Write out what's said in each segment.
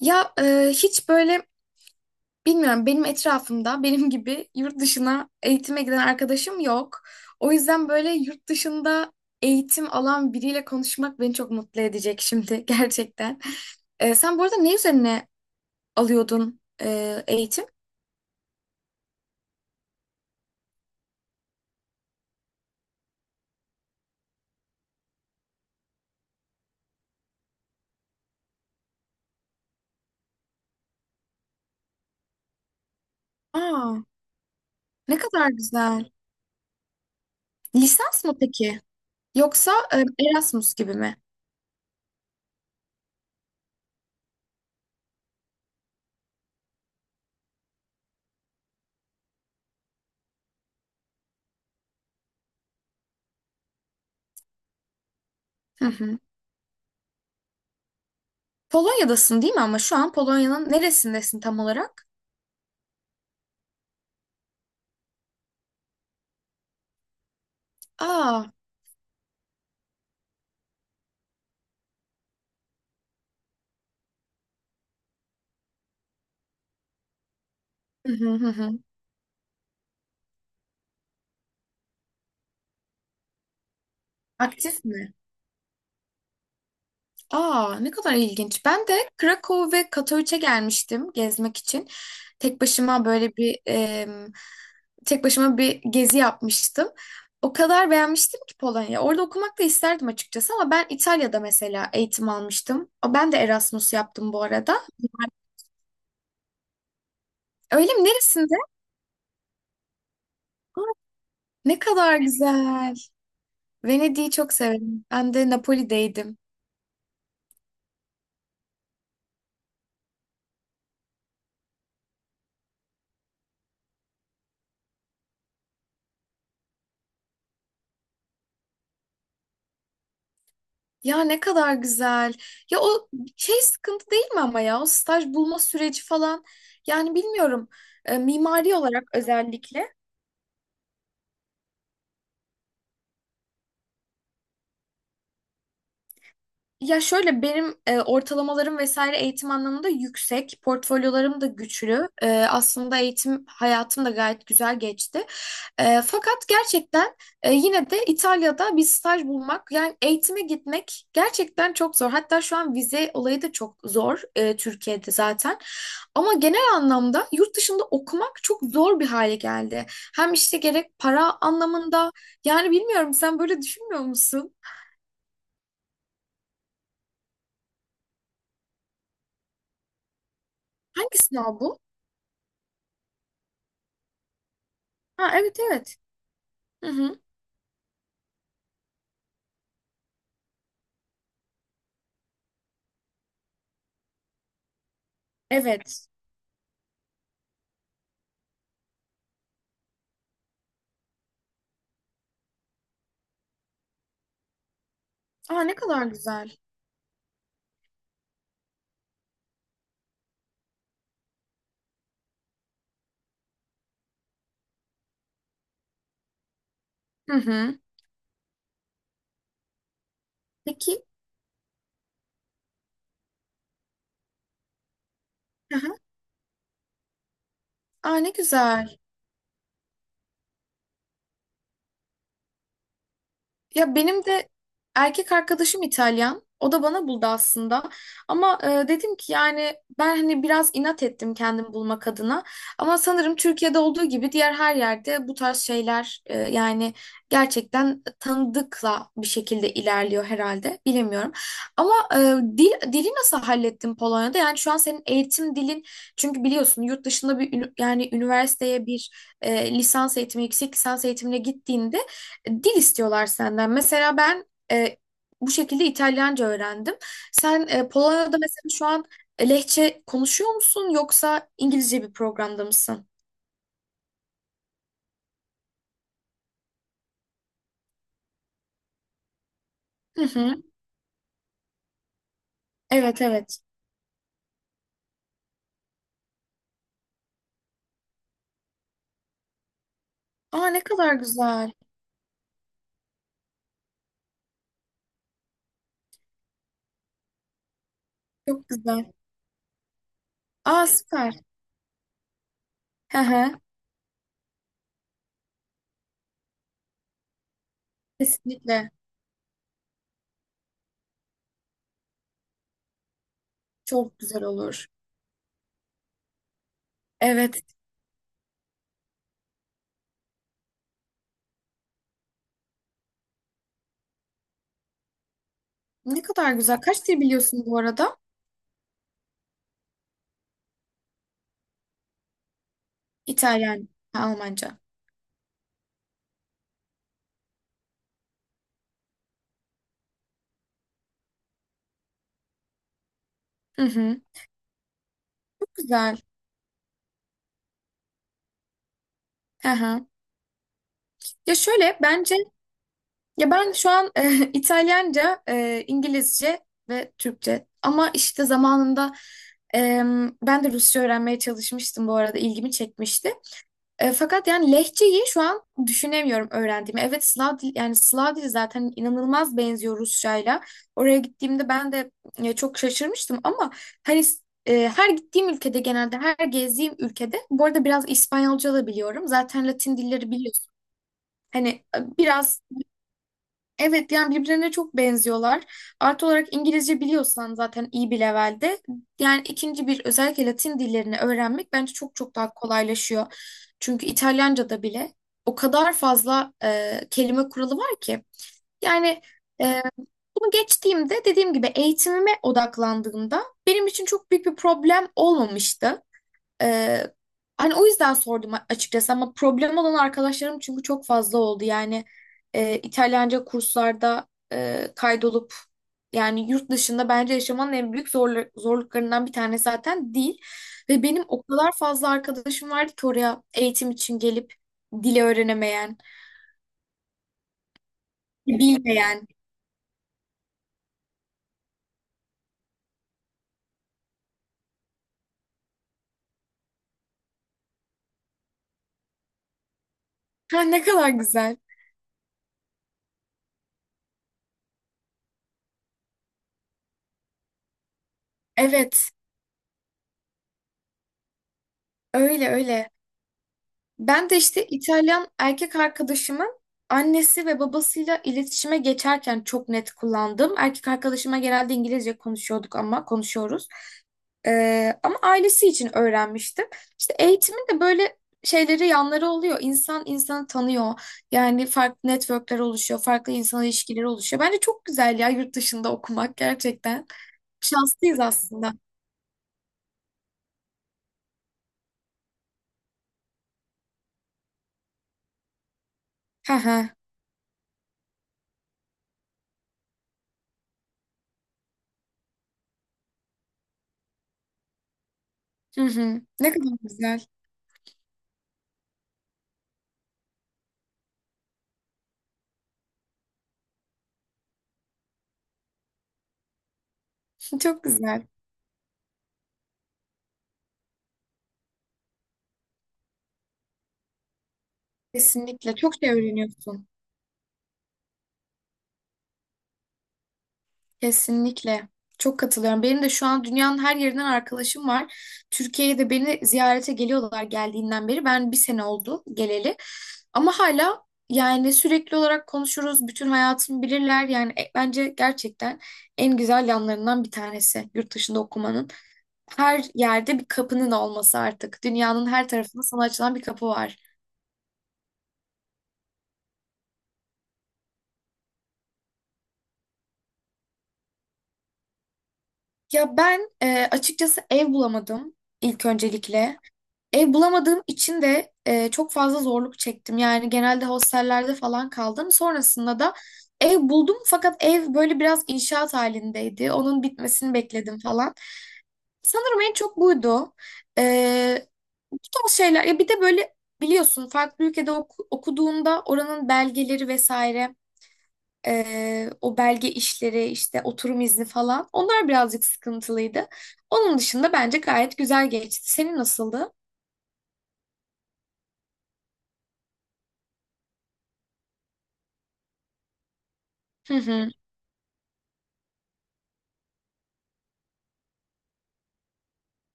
Hiç böyle bilmiyorum benim etrafımda benim gibi yurt dışına eğitime giden arkadaşım yok. O yüzden böyle yurt dışında eğitim alan biriyle konuşmak beni çok mutlu edecek şimdi gerçekten. Sen bu arada ne üzerine alıyordun eğitim? Aa, ne kadar güzel. Lisans mı peki? Yoksa Erasmus gibi mi? Hı hı. Polonya'dasın değil mi, ama şu an Polonya'nın neresindesin tam olarak? Aa, hı hı hı. Hı. Aktif mi? Aa, ne kadar ilginç. Ben de Krakow ve Katowice gelmiştim gezmek için. Tek başıma böyle bir em, Tek başıma bir gezi yapmıştım. O kadar beğenmiştim ki Polonya. Orada okumak da isterdim açıkçası, ama ben İtalya'da mesela eğitim almıştım. Ben de Erasmus yaptım bu arada. Öyle mi? Neresinde? Aa, ne kadar güzel. Venedik'i çok severim. Ben de Napoli'deydim. Ya ne kadar güzel. Ya o şey sıkıntı değil mi ama, ya o staj bulma süreci falan. Yani bilmiyorum. Mimari olarak özellikle. Ya şöyle benim ortalamalarım vesaire eğitim anlamında yüksek, portfolyolarım da güçlü. E, aslında eğitim hayatım da gayet güzel geçti. E, fakat gerçekten yine de İtalya'da bir staj bulmak, yani eğitime gitmek gerçekten çok zor. Hatta şu an vize olayı da çok zor Türkiye'de zaten. Ama genel anlamda yurt dışında okumak çok zor bir hale geldi. Hem işte gerek para anlamında, yani bilmiyorum, sen böyle düşünmüyor musun? Hangi sınav bu? Ha, evet evet. Hı hı. Evet. Aa, ne kadar güzel. Hı hı. Peki. Hı hı. Aa, ne güzel. Ya benim de erkek arkadaşım İtalyan. O da bana buldu aslında. Ama dedim ki yani ben hani biraz inat ettim kendim bulmak adına. Ama sanırım Türkiye'de olduğu gibi diğer her yerde bu tarz şeyler, yani gerçekten tanıdıkla bir şekilde ilerliyor herhalde. Bilemiyorum. Ama e, dil dili nasıl hallettin Polonya'da? Yani şu an senin eğitim dilin, çünkü biliyorsun yurt dışında bir yani üniversiteye bir lisans eğitimi, yüksek lisans eğitimine gittiğinde dil istiyorlar senden. Mesela ben e, bu şekilde İtalyanca öğrendim. Sen Polonya'da mesela şu an Lehçe konuşuyor musun, yoksa İngilizce bir programda mısın? Hı hı. Evet evet. Aa, ne kadar güzel. Çok güzel. Aa, süper. Hı hı. Kesinlikle. Çok güzel olur. Evet. Ne kadar güzel. Kaç dil biliyorsun bu arada? İtalyan, ha, Almanca. Hı hı. Güzel. Hı hı. Ya şöyle bence ya ben şu an İtalyanca, İngilizce ve Türkçe. Ama işte zamanında e, ben de Rusça öğrenmeye çalışmıştım bu arada, ilgimi çekmişti. E, fakat yani lehçeyi şu an düşünemiyorum öğrendiğimi. Evet Slav dil, yani Slav dili zaten inanılmaz benziyor Rusçayla. Oraya gittiğimde ben de çok şaşırmıştım ama hani her gittiğim ülkede genelde her gezdiğim ülkede, bu arada biraz İspanyolca da biliyorum. Zaten Latin dilleri biliyorsun. Hani biraz evet, yani birbirlerine çok benziyorlar. Artı olarak İngilizce biliyorsan zaten iyi bir levelde. Yani ikinci bir, özellikle Latin dillerini öğrenmek bence çok çok daha kolaylaşıyor. Çünkü İtalyanca'da bile o kadar fazla kelime kuralı var ki. Yani e, bunu geçtiğimde dediğim gibi eğitimime odaklandığımda benim için çok büyük bir problem olmamıştı. Ee, Hani o yüzden sordum açıkçası, ama problem olan arkadaşlarım çünkü çok fazla oldu. Yani İtalyanca kurslarda kaydolup yani yurt dışında bence yaşamanın en büyük zorluklarından bir tanesi zaten dil. Ve benim o kadar fazla arkadaşım vardı ki oraya eğitim için gelip dili öğrenemeyen, bilmeyen. Ha, ne kadar güzel. Evet, öyle öyle. Ben de işte İtalyan erkek arkadaşımın annesi ve babasıyla iletişime geçerken çok net kullandım. Erkek arkadaşıma genelde İngilizce konuşuyorduk, ama konuşuyoruz. Ama ailesi için öğrenmiştim. İşte eğitimin de böyle şeyleri, yanları oluyor. İnsan insanı tanıyor. Yani farklı networkler oluşuyor, farklı insan ilişkileri oluşuyor. Bence çok güzel ya, yurt dışında okumak gerçekten. Şanslıyız aslında. Hı hı. Hı hı. Ne kadar güzel. Çok güzel. Kesinlikle. Çok şey öğreniyorsun. Kesinlikle. Çok katılıyorum. Benim de şu an dünyanın her yerinden arkadaşım var. Türkiye'ye de beni ziyarete geliyorlar geldiğinden beri. Ben bir sene oldu geleli. Ama hala yani sürekli olarak konuşuruz. Bütün hayatımı bilirler. Yani bence gerçekten en güzel yanlarından bir tanesi yurt dışında okumanın. Her yerde bir kapının olması artık. Dünyanın her tarafında sana açılan bir kapı var. Ya ben açıkçası ev bulamadım ilk öncelikle. Ev bulamadığım için de çok fazla zorluk çektim. Yani genelde hostellerde falan kaldım. Sonrasında da ev buldum, fakat ev böyle biraz inşaat halindeydi. Onun bitmesini bekledim falan. Sanırım en çok buydu. E, Bu tarz şeyler. Ya bir de böyle biliyorsun farklı ülkede okuduğunda oranın belgeleri vesaire, o belge işleri, işte oturum izni falan, onlar birazcık sıkıntılıydı. Onun dışında bence gayet güzel geçti. Senin nasıldı? Hı hı.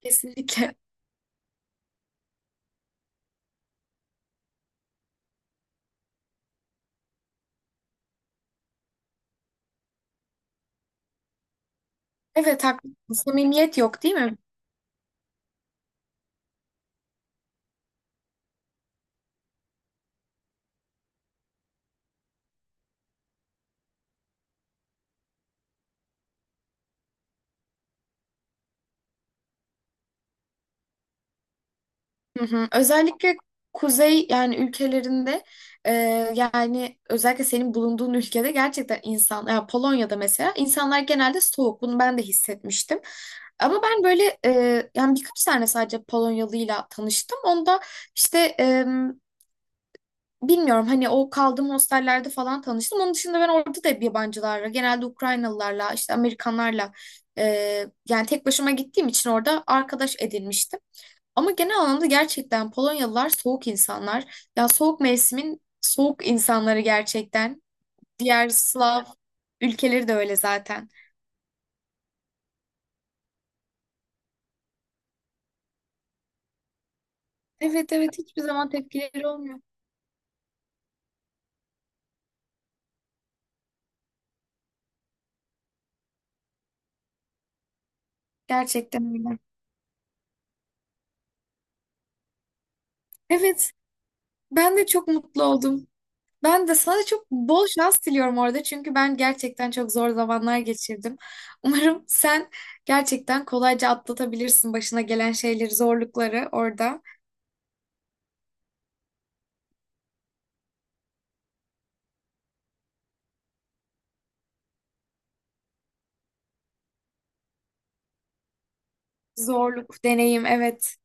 Kesinlikle. Evet haklısın. Samimiyet yok değil mi? Hı hı. Özellikle kuzey yani ülkelerinde e, yani özellikle senin bulunduğun ülkede gerçekten insan, ya Polonya'da mesela insanlar genelde soğuk. Bunu ben de hissetmiştim. Ama ben böyle yani birkaç tane sadece Polonyalıyla tanıştım. Onda işte bilmiyorum hani o kaldığım hostellerde falan tanıştım. Onun dışında ben orada da hep yabancılarla, genelde Ukraynalılarla, işte Amerikanlarla e, yani tek başıma gittiğim için orada arkadaş edinmiştim. Ama genel anlamda gerçekten Polonyalılar soğuk insanlar. Ya soğuk mevsimin soğuk insanları gerçekten. Diğer Slav ülkeleri de öyle zaten. Evet evet, hiçbir zaman tepkileri olmuyor. Gerçekten öyle. Evet, ben de çok mutlu oldum. Ben de sana çok bol şans diliyorum orada, çünkü ben gerçekten çok zor zamanlar geçirdim. Umarım sen gerçekten kolayca atlatabilirsin başına gelen şeyleri, zorlukları orada. Zorluk, deneyim, evet.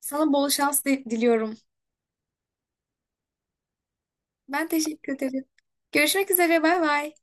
Sana bol şans diliyorum. Ben teşekkür ederim. Görüşmek üzere. Bay bay.